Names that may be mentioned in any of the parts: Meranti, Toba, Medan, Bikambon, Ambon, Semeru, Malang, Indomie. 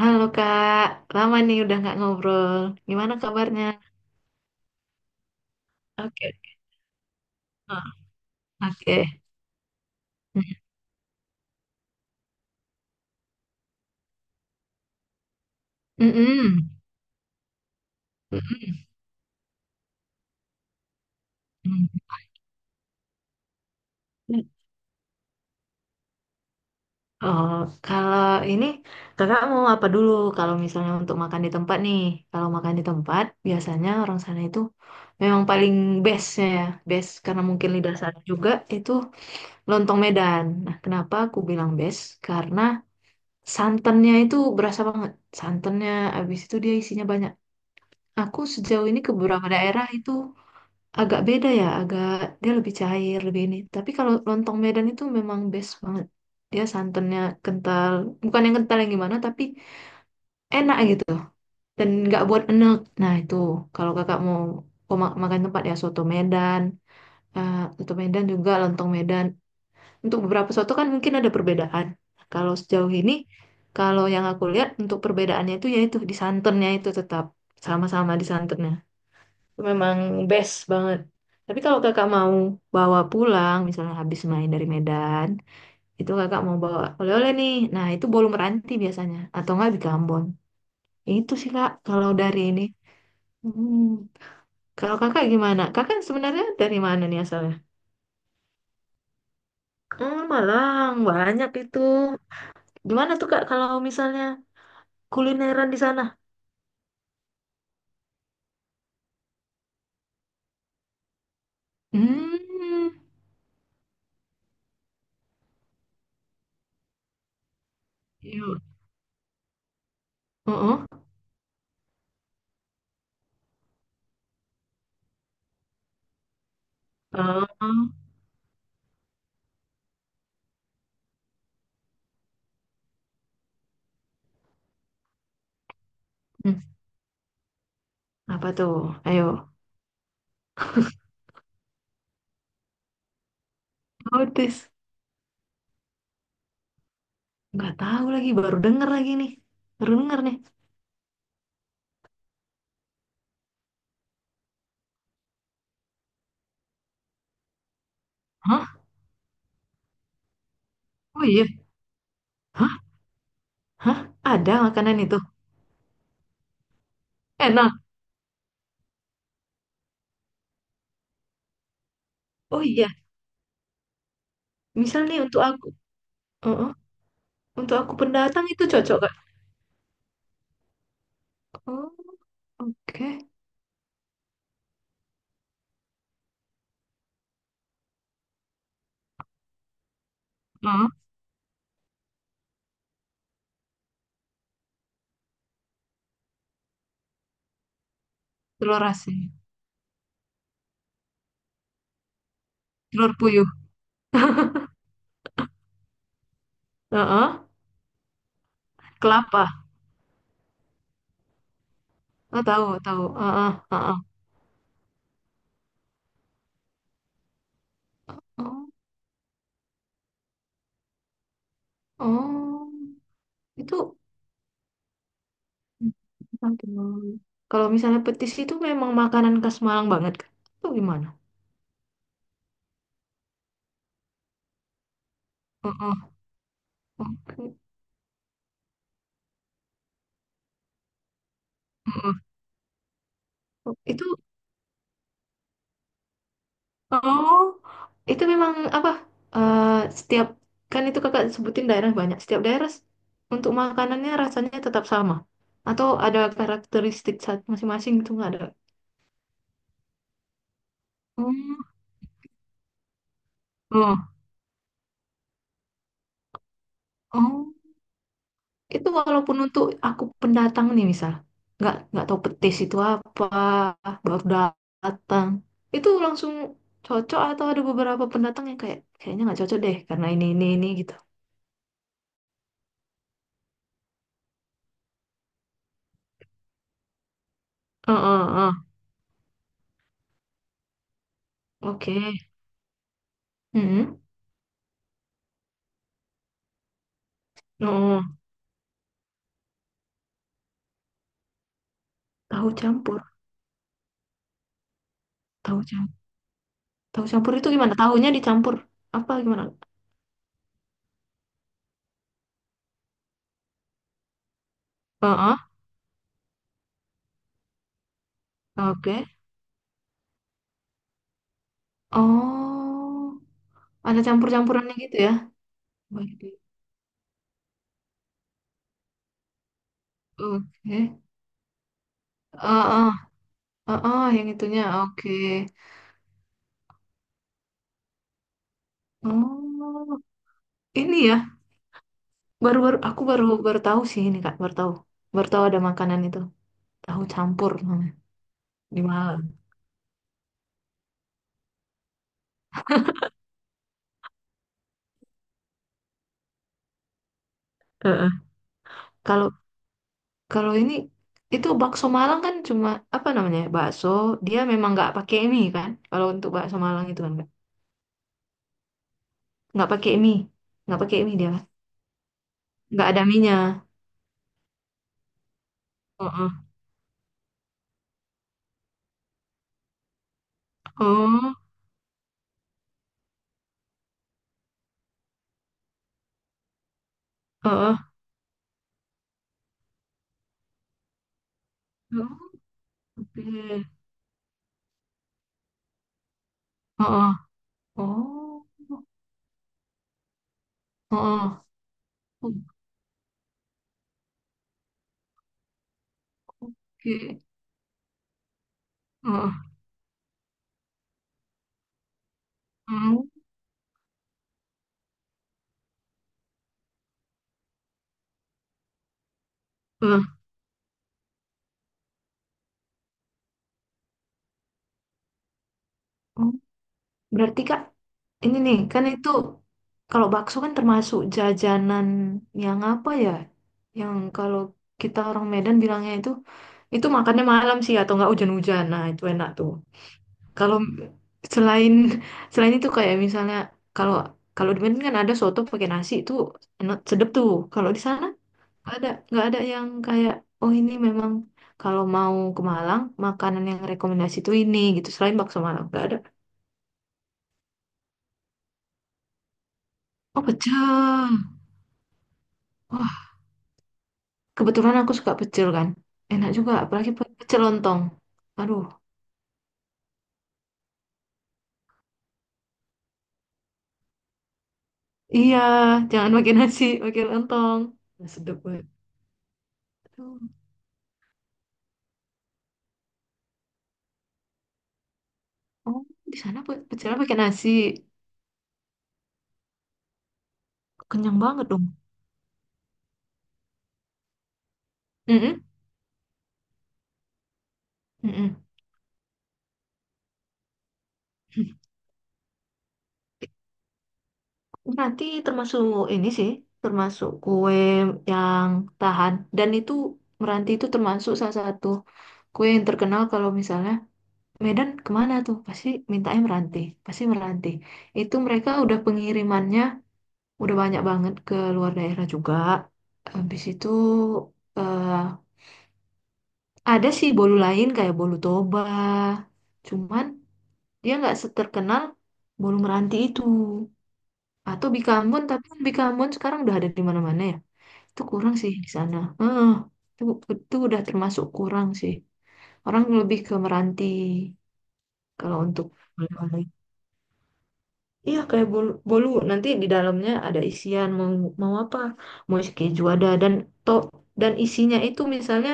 Halo Kak, lama nih udah nggak ngobrol. Gimana kabarnya? Oke. Oh, oke. Mm-mm. Mm-mm. Mm. Oh, kalau ini kakak mau apa dulu? Kalau misalnya untuk makan di tempat nih, kalau makan di tempat biasanya orang sana itu memang paling bestnya ya, best karena mungkin lidah sana juga itu lontong Medan. Nah, kenapa aku bilang best? Karena santannya itu berasa banget. Santannya, abis itu dia isinya banyak. Aku sejauh ini ke beberapa daerah itu agak beda ya, agak dia lebih cair, lebih ini. Tapi kalau lontong Medan itu memang best banget. Dia santannya kental, bukan yang kental yang gimana, tapi enak gitu. Dan nggak buat enek. Nah itu kalau kakak mau makan tempat ya soto Medan, soto Medan juga lontong Medan. Untuk beberapa soto kan mungkin ada perbedaan. Kalau sejauh ini, kalau yang aku lihat untuk perbedaannya itu yaitu di santannya itu tetap sama-sama di santannya memang best banget. Tapi kalau kakak mau bawa pulang, misalnya habis main dari Medan, itu kakak mau bawa oleh-oleh nih. Nah, itu bolu meranti biasanya, atau nggak di Ambon. Itu sih kak, kalau dari ini. Hmm. Kalau kakak gimana? Kakak sebenarnya dari mana nih asalnya? Hmm, Malang, banyak itu. Gimana tuh kak kalau misalnya kulineran di sana? Hmm, yuk. Oh, oh. Oh, hmm, apa tuh? Ayo. Notice. Nggak tahu lagi, baru denger lagi nih. Baru denger nih. Hah? Oh iya. Hah? Hah? Ada makanan itu. Enak. Oh iya. Misal nih untuk aku. Heeh. Untuk aku pendatang itu cocok, Kak. Oh, oke. Heeh. Telur asin. Telur puyuh. Heeh. Kelapa. Oh, tahu, tahu. Heeh, heeh. Oh, oh. Itu aduh. Kalau misalnya petis itu memang makanan khas Malang banget, Kak. Itu gimana? Heeh. Oke. Heeh. Itu oh, itu memang apa? eh, Setiap kan itu kakak sebutin daerah banyak. Setiap daerah untuk makanannya rasanya tetap sama, atau ada karakteristik saat masing-masing gitu nggak ada? Hmm. Oh, oh, itu walaupun untuk aku pendatang nih misal, nggak tahu petis itu apa, baru datang, itu langsung cocok atau ada beberapa pendatang yang kayak kayaknya nggak cocok deh karena ini gitu. Oh, oh, oh. Oke. Hmm. Oh. Tahu campur, tahu campur. Tahu campur itu gimana? Tahunya dicampur apa gimana? Heeh, oke. Oh, ada campur-campurannya gitu ya. Oke. Oke. Heeh, heeh, yang itunya oke. Oh, ini ya. Baru-baru aku baru baru tahu sih ini Kak, baru tahu. Baru tahu ada makanan itu. Tahu campur namanya di Malang. Heeh. Kalau kalau ini itu bakso Malang kan cuma apa namanya? Ya, bakso dia memang nggak pakai mie kan? Kalau untuk bakso Malang itu kan nggak pakai mie nggak pakai mie dia nggak ada mie. Heeh. Oh, heeh. Oh, oke. Heeh. Oh. Heeh. Oh, oke. Heeh. Hmm. Heeh. Oh. Berarti kak ini nih kan itu kalau bakso kan termasuk jajanan yang apa ya yang kalau kita orang Medan bilangnya itu makannya malam sih atau nggak hujan-hujan nah itu enak tuh. Kalau selain selain itu kayak misalnya kalau kalau di Medan kan ada soto pakai nasi itu enak sedep tuh. Kalau di sana nggak ada yang kayak oh ini memang kalau mau ke Malang makanan yang rekomendasi tuh ini gitu. Selain bakso Malang nggak ada. Oh pecel. Wah, kebetulan aku suka pecel kan. Enak juga apalagi pecel lontong. Aduh, iya jangan pakai nasi pakai lontong. Nah, sedep banget. Aduh. Oh, di sana pecelnya pakai nasi kenyang banget dong. Mm-mm, mm-mm. Hmm. Nanti termasuk ini sih, termasuk kue yang tahan. Dan itu meranti itu termasuk salah satu kue yang terkenal kalau misalnya Medan kemana tuh? Pasti mintanya meranti, pasti meranti. Itu mereka udah pengirimannya udah banyak banget ke luar daerah juga. Habis itu eh, ada sih bolu lain kayak bolu Toba. Cuman dia nggak seterkenal bolu meranti itu. Atau Bikambon, tapi kan Bikambon sekarang udah ada di mana-mana ya. Itu kurang sih di sana. Heeh, itu, itu udah termasuk kurang sih. Orang lebih ke Meranti kalau untuk oleh-oleh. Iya kayak bolu, bolu. Nanti di dalamnya ada isian mau mau apa? Mau isi keju ada dan to dan isinya itu misalnya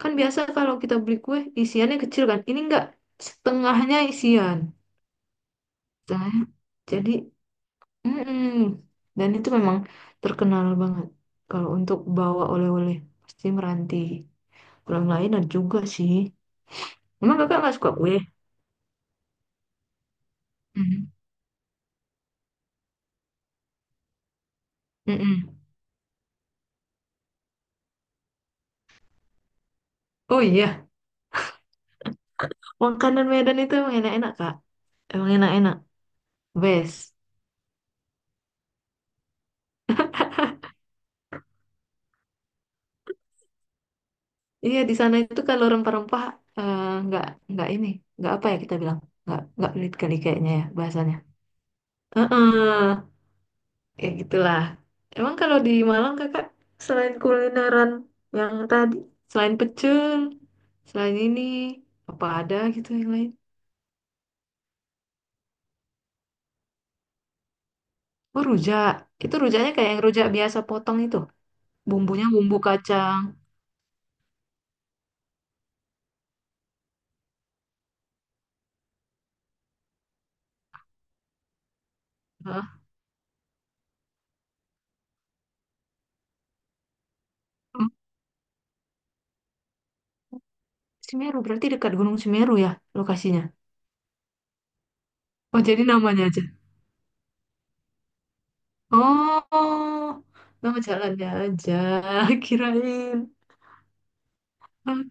kan biasa kalau kita beli kue isiannya kecil kan. Ini enggak setengahnya isian. Setengahnya. Jadi mm-mm. Dan itu memang terkenal banget. Kalau untuk bawa oleh-oleh, pasti Meranti. Kurang lain ada juga sih. Emang kakak nggak suka kue? Mm. Mm-mm. Oh iya, makanan Medan itu emang enak-enak, Kak. Emang enak-enak. Best. Iya, di sana itu kalau rempah-rempah eh, nggak nggak ini, nggak apa ya kita bilang, nggak pelit kali kayaknya ya bahasanya. Heeh. Ya gitulah. Emang kalau di Malang kakak selain kulineran yang tadi, selain pecel, selain ini apa ada gitu yang lain? Oh rujak. Itu rujaknya kayak yang rujak biasa potong itu. Bumbunya bumbu kacang. Hah? Hmm, Semeru berarti dekat Gunung Semeru ya lokasinya. Oh jadi namanya aja. Oh, nama jalannya aja. Kirain. Ah,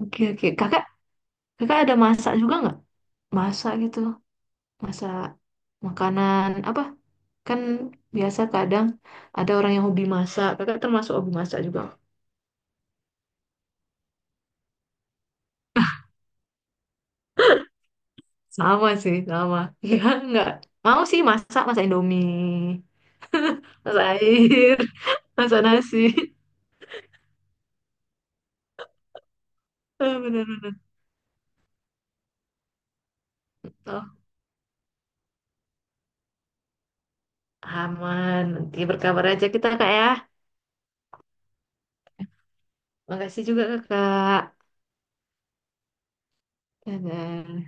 oke oke. Kakak, kakak ada masak juga nggak? Masak gitu. Masak makanan apa? Kan biasa kadang ada orang yang hobi masak. Kakak termasuk hobi masak juga. Sama sih, sama. Ya nggak. Mau sih masak, masak Indomie, masak air, masak nasi. Eh, bener-bener. Oh, aman. Nanti berkabar aja kita, Kak, ya. Makasih juga, Kakak. Dadah.